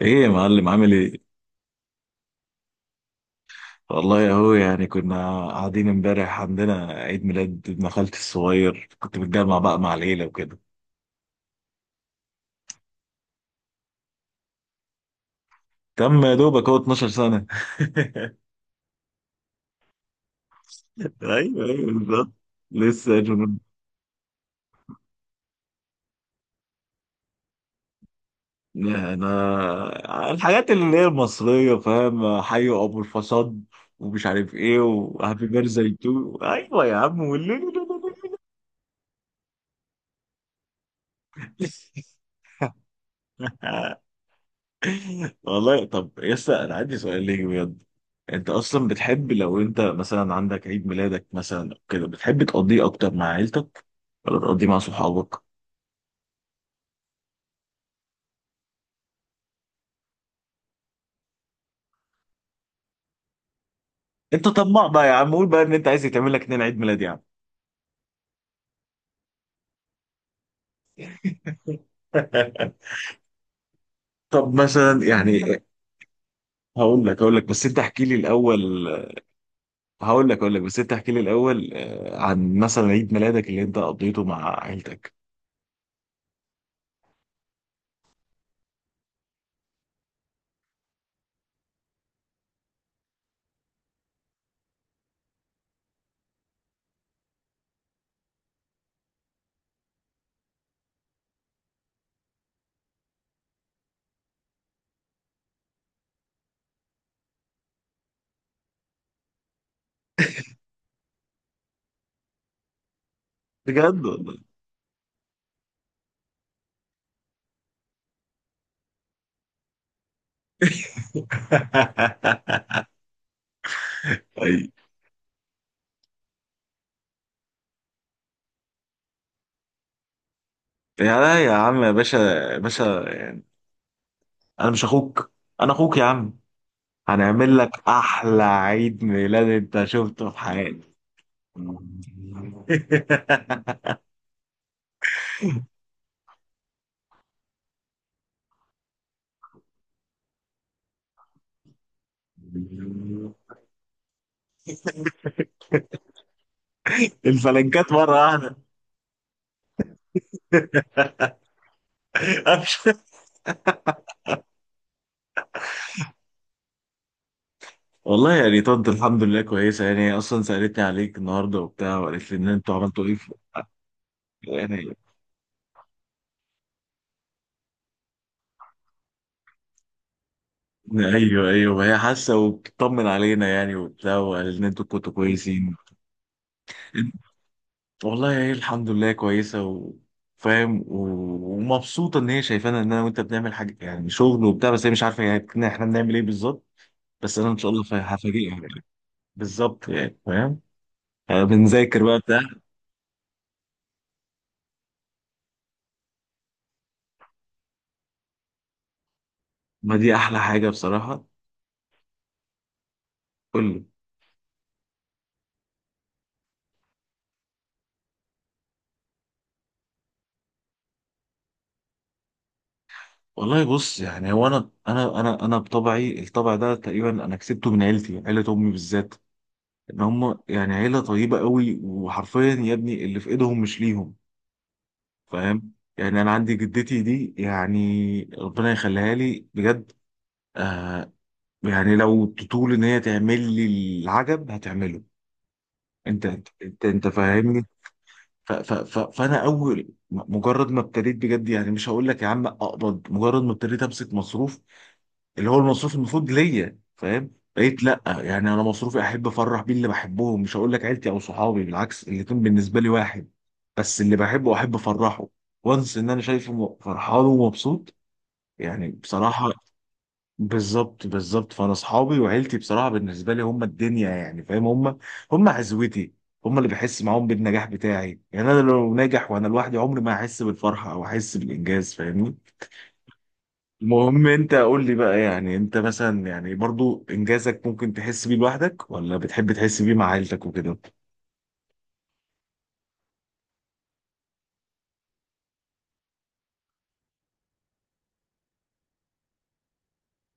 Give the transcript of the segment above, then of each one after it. ايه يا معلم عامل ايه؟ والله اهو يعني كنا قاعدين امبارح عندنا عيد ميلاد ابن خالتي الصغير، كنت متجمع بقى مع العيله وكده. تم يا دوبك هو 12 سنه. ايوه ايوه بالظبط. لسه يا جنون. انا الحاجات اللي هي المصريه فاهم، حيوا ابو الفساد ومش عارف ايه، وهابي بيرثداي تو، ايوه يا عم والليل. والله طب يسا انا عندي سؤال ليك بجد. انت اصلا بتحب لو انت مثلا عندك عيد ميلادك مثلا أو كده، بتحب تقضيه اكتر مع عيلتك ولا تقضيه مع صحابك؟ انت طماع بقى يا عم، قول بقى ان انت عايز يتعمل لك اتنين عيد ميلاد يا عم. طب مثلا يعني. هقول لك بس انت احكي لي الاول. هقول لك بس انت احكي لي الاول. عن مثلا عيد ميلادك اللي انت قضيته مع عيلتك. بجد والله. أي. يا لا يا عم يا باشا. يا باشا. انا مش اخوك. انا اخوك يا عم. هنعمل لك احلى عيد ميلاد انت شفته في حياتك. الفلنكات مره واحده. والله يعني طنط الحمد لله كويسه، يعني هي اصلا سالتني عليك النهارده وبتاع، وقالت لي ان انتوا عملتوا ايه يعني. ايوه ايوه، هي حاسه وبتطمن علينا يعني وبتاع، وقالت ان انتوا كنتوا كويسين. والله هي الحمد لله كويسة. وفاهم ومبسوطة إن هي شايفانا إن أنا وأنت بنعمل حاجة يعني، شغل وبتاع، بس هي مش عارفة يعني إن إحنا بنعمل إيه بالظبط. بس أنا إن شاء الله هفاجئها يعني. بالظبط يعني، فاهم. بنذاكر بقى بتاع. ما دي أحلى حاجة بصراحة. قول لي. والله بص، يعني هو أنا بطبعي، الطبع ده تقريبا أنا كسبته من عيلتي، عيلة أمي بالذات. إن هم يعني عيلة طيبة قوي، وحرفيا يا ابني اللي في إيدهم مش ليهم. فاهم. يعني انا عندي جدتي دي يعني، ربنا يخليها لي بجد. آه. يعني لو تطول ان هي تعمل لي العجب هتعمله. انت انت فاهمني. ف ف ف فانا اول مجرد ما ابتديت بجد، يعني مش هقول لك يا عم اقبض، مجرد ما ابتديت امسك مصروف، اللي هو المصروف المفروض ليا، فاهم؟ بقيت لا يعني انا مصروفي احب افرح بيه اللي بحبهم، مش هقول لك عيلتي او صحابي، بالعكس الاتنين بالنسبه لي واحد. بس اللي بحبه احب افرحه وانس ان انا شايفه فرحان ومبسوط، يعني بصراحه. بالظبط بالظبط، فانا اصحابي وعيلتي بصراحه بالنسبه لي هم الدنيا، يعني فاهم، هم هم عزوتي، هم اللي بحس معاهم بالنجاح بتاعي. يعني انا لو ناجح وانا لوحدي عمري ما هحس بالفرحه او احس بالانجاز، فاهمني؟ المهم انت قول لي بقى، يعني انت مثلا يعني برضو انجازك ممكن تحس بيه لوحدك، ولا بتحب تحس بيه مع عيلتك وكده؟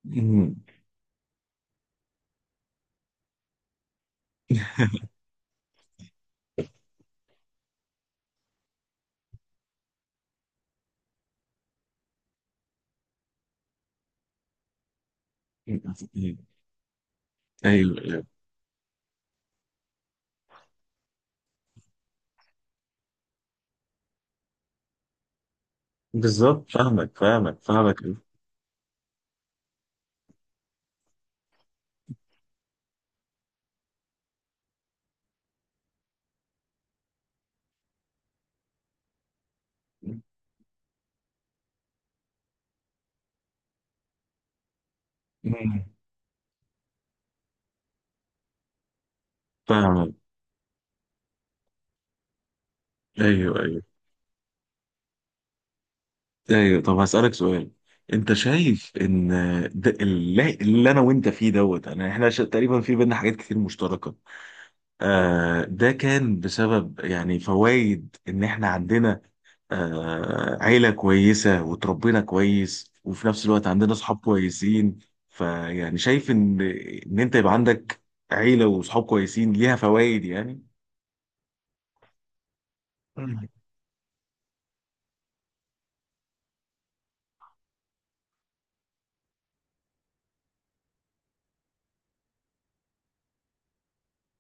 مم. ايوه ايوه، بالظبط فاهمك فاهمك فاهمك. مم. فاهمك. ايوه ايوه ايوه. طب هسألك سؤال. انت شايف ان ده اللي انا وانت فيه دوت يعني احنا ش- تقريبا في بينا حاجات كتير مشتركة. آه ده كان بسبب يعني فوائد ان احنا عندنا عيلة كويسة وتربينا كويس، وفي نفس الوقت عندنا صحاب كويسين. فيعني شايف إن أنت يبقى عندك عيلة وصحاب كويسين، ليها فوائد يعني. مم.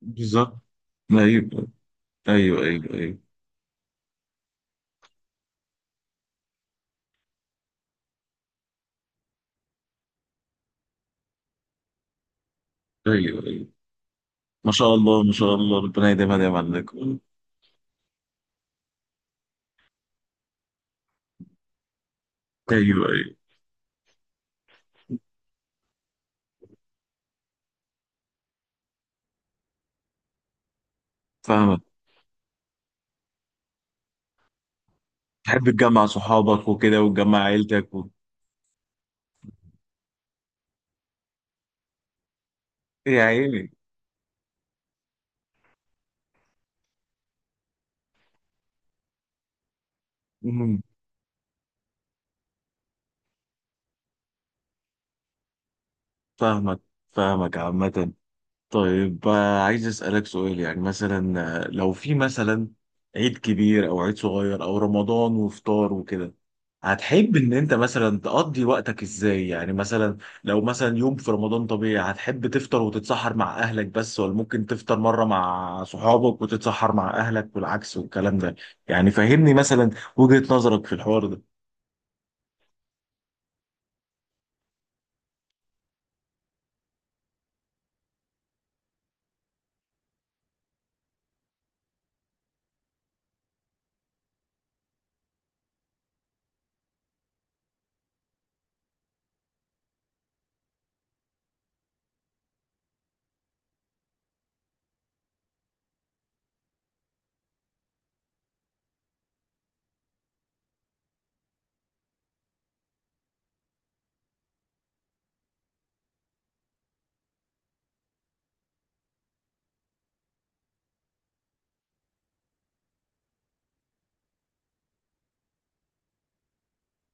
بالظبط. أيوه أيوه أيوه أيوه أيوه أيوه. ما شاء الله ما شاء الله، ربنا يديمها دايما عليك. أيوه أيوه فاهمك. تحب تجمع صحابك وكده وتجمع عيلتك و... يا عيني. مم. فاهمك فاهمك عامة. طيب، عايز أسألك سؤال، يعني مثلا، لو في مثلا عيد كبير أو عيد صغير أو رمضان وفطار وكده، هتحب إن أنت مثلا تقضي وقتك إزاي يعني؟ مثلا لو مثلا يوم في رمضان طبيعي، هتحب تفطر وتتسحر مع أهلك بس، ولا ممكن تفطر مرة مع صحابك وتتسحر مع أهلك والعكس والكلام ده؟ يعني فهمني مثلا وجهة نظرك في الحوار ده.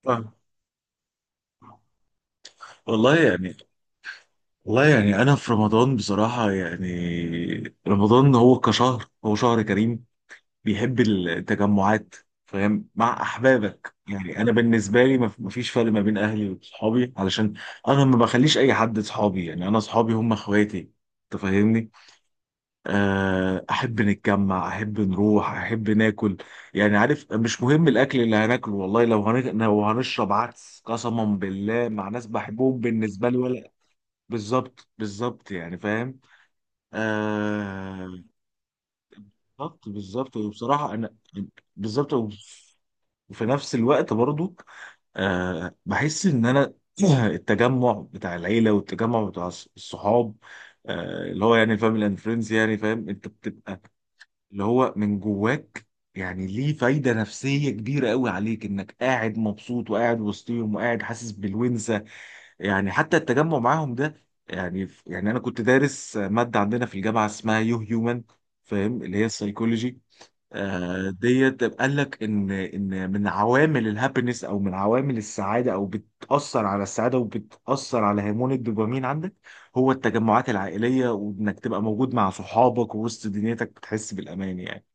فاهم. والله يعني. والله يعني انا في رمضان بصراحه، يعني رمضان هو شهر كريم، بيحب التجمعات. فاهم مع احبابك. يعني انا بالنسبه لي مفيش فرق ما بين اهلي وصحابي، علشان انا ما بخليش اي حد صحابي، يعني انا صحابي هم اخواتي. انت فاهمني. احب نتجمع احب نروح احب ناكل، يعني عارف مش مهم الاكل اللي هناكله. والله لو لو هنشرب عدس قسما بالله مع ناس بحبهم بالنسبه لي، ولا بالظبط بالظبط يعني فاهم. آه بالظبط بالظبط وبصراحه انا بالظبط. وفي نفس الوقت برضو، بحس ان انا التجمع بتاع العيله والتجمع بتاع الصحاب، اللي هو يعني الفاميلي اند فريندز يعني، فاهم انت بتبقى اللي هو من جواك، يعني ليه فايده نفسيه كبيره قوي عليك، انك قاعد مبسوط وقاعد وسطيهم وقاعد حاسس بالونسه. يعني حتى التجمع معاهم ده، يعني انا كنت دارس ماده عندنا في الجامعه اسمها يو هيومن، فاهم اللي هي السايكولوجي. ديت قال لك ان من عوامل الهابينس او من عوامل السعاده، او بتاثر على السعاده وبتاثر على هرمون الدوبامين عندك، هو التجمعات العائليه، وانك تبقى موجود مع صحابك ووسط دنيتك بتحس بالامان يعني.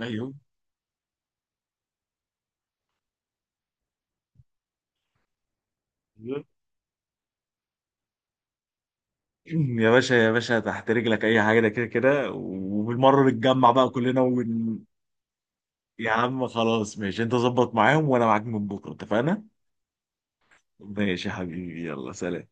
ايوه. أيوة. يا باشا يا باشا، تحت رجلك اي حاجه، ده كده كده، وبالمره نتجمع بقى كلنا يا عم خلاص، ماشي، انت ظبط معاهم وانا معاك من بكره، اتفقنا. ماشي يا حبيبي، يلا سلام.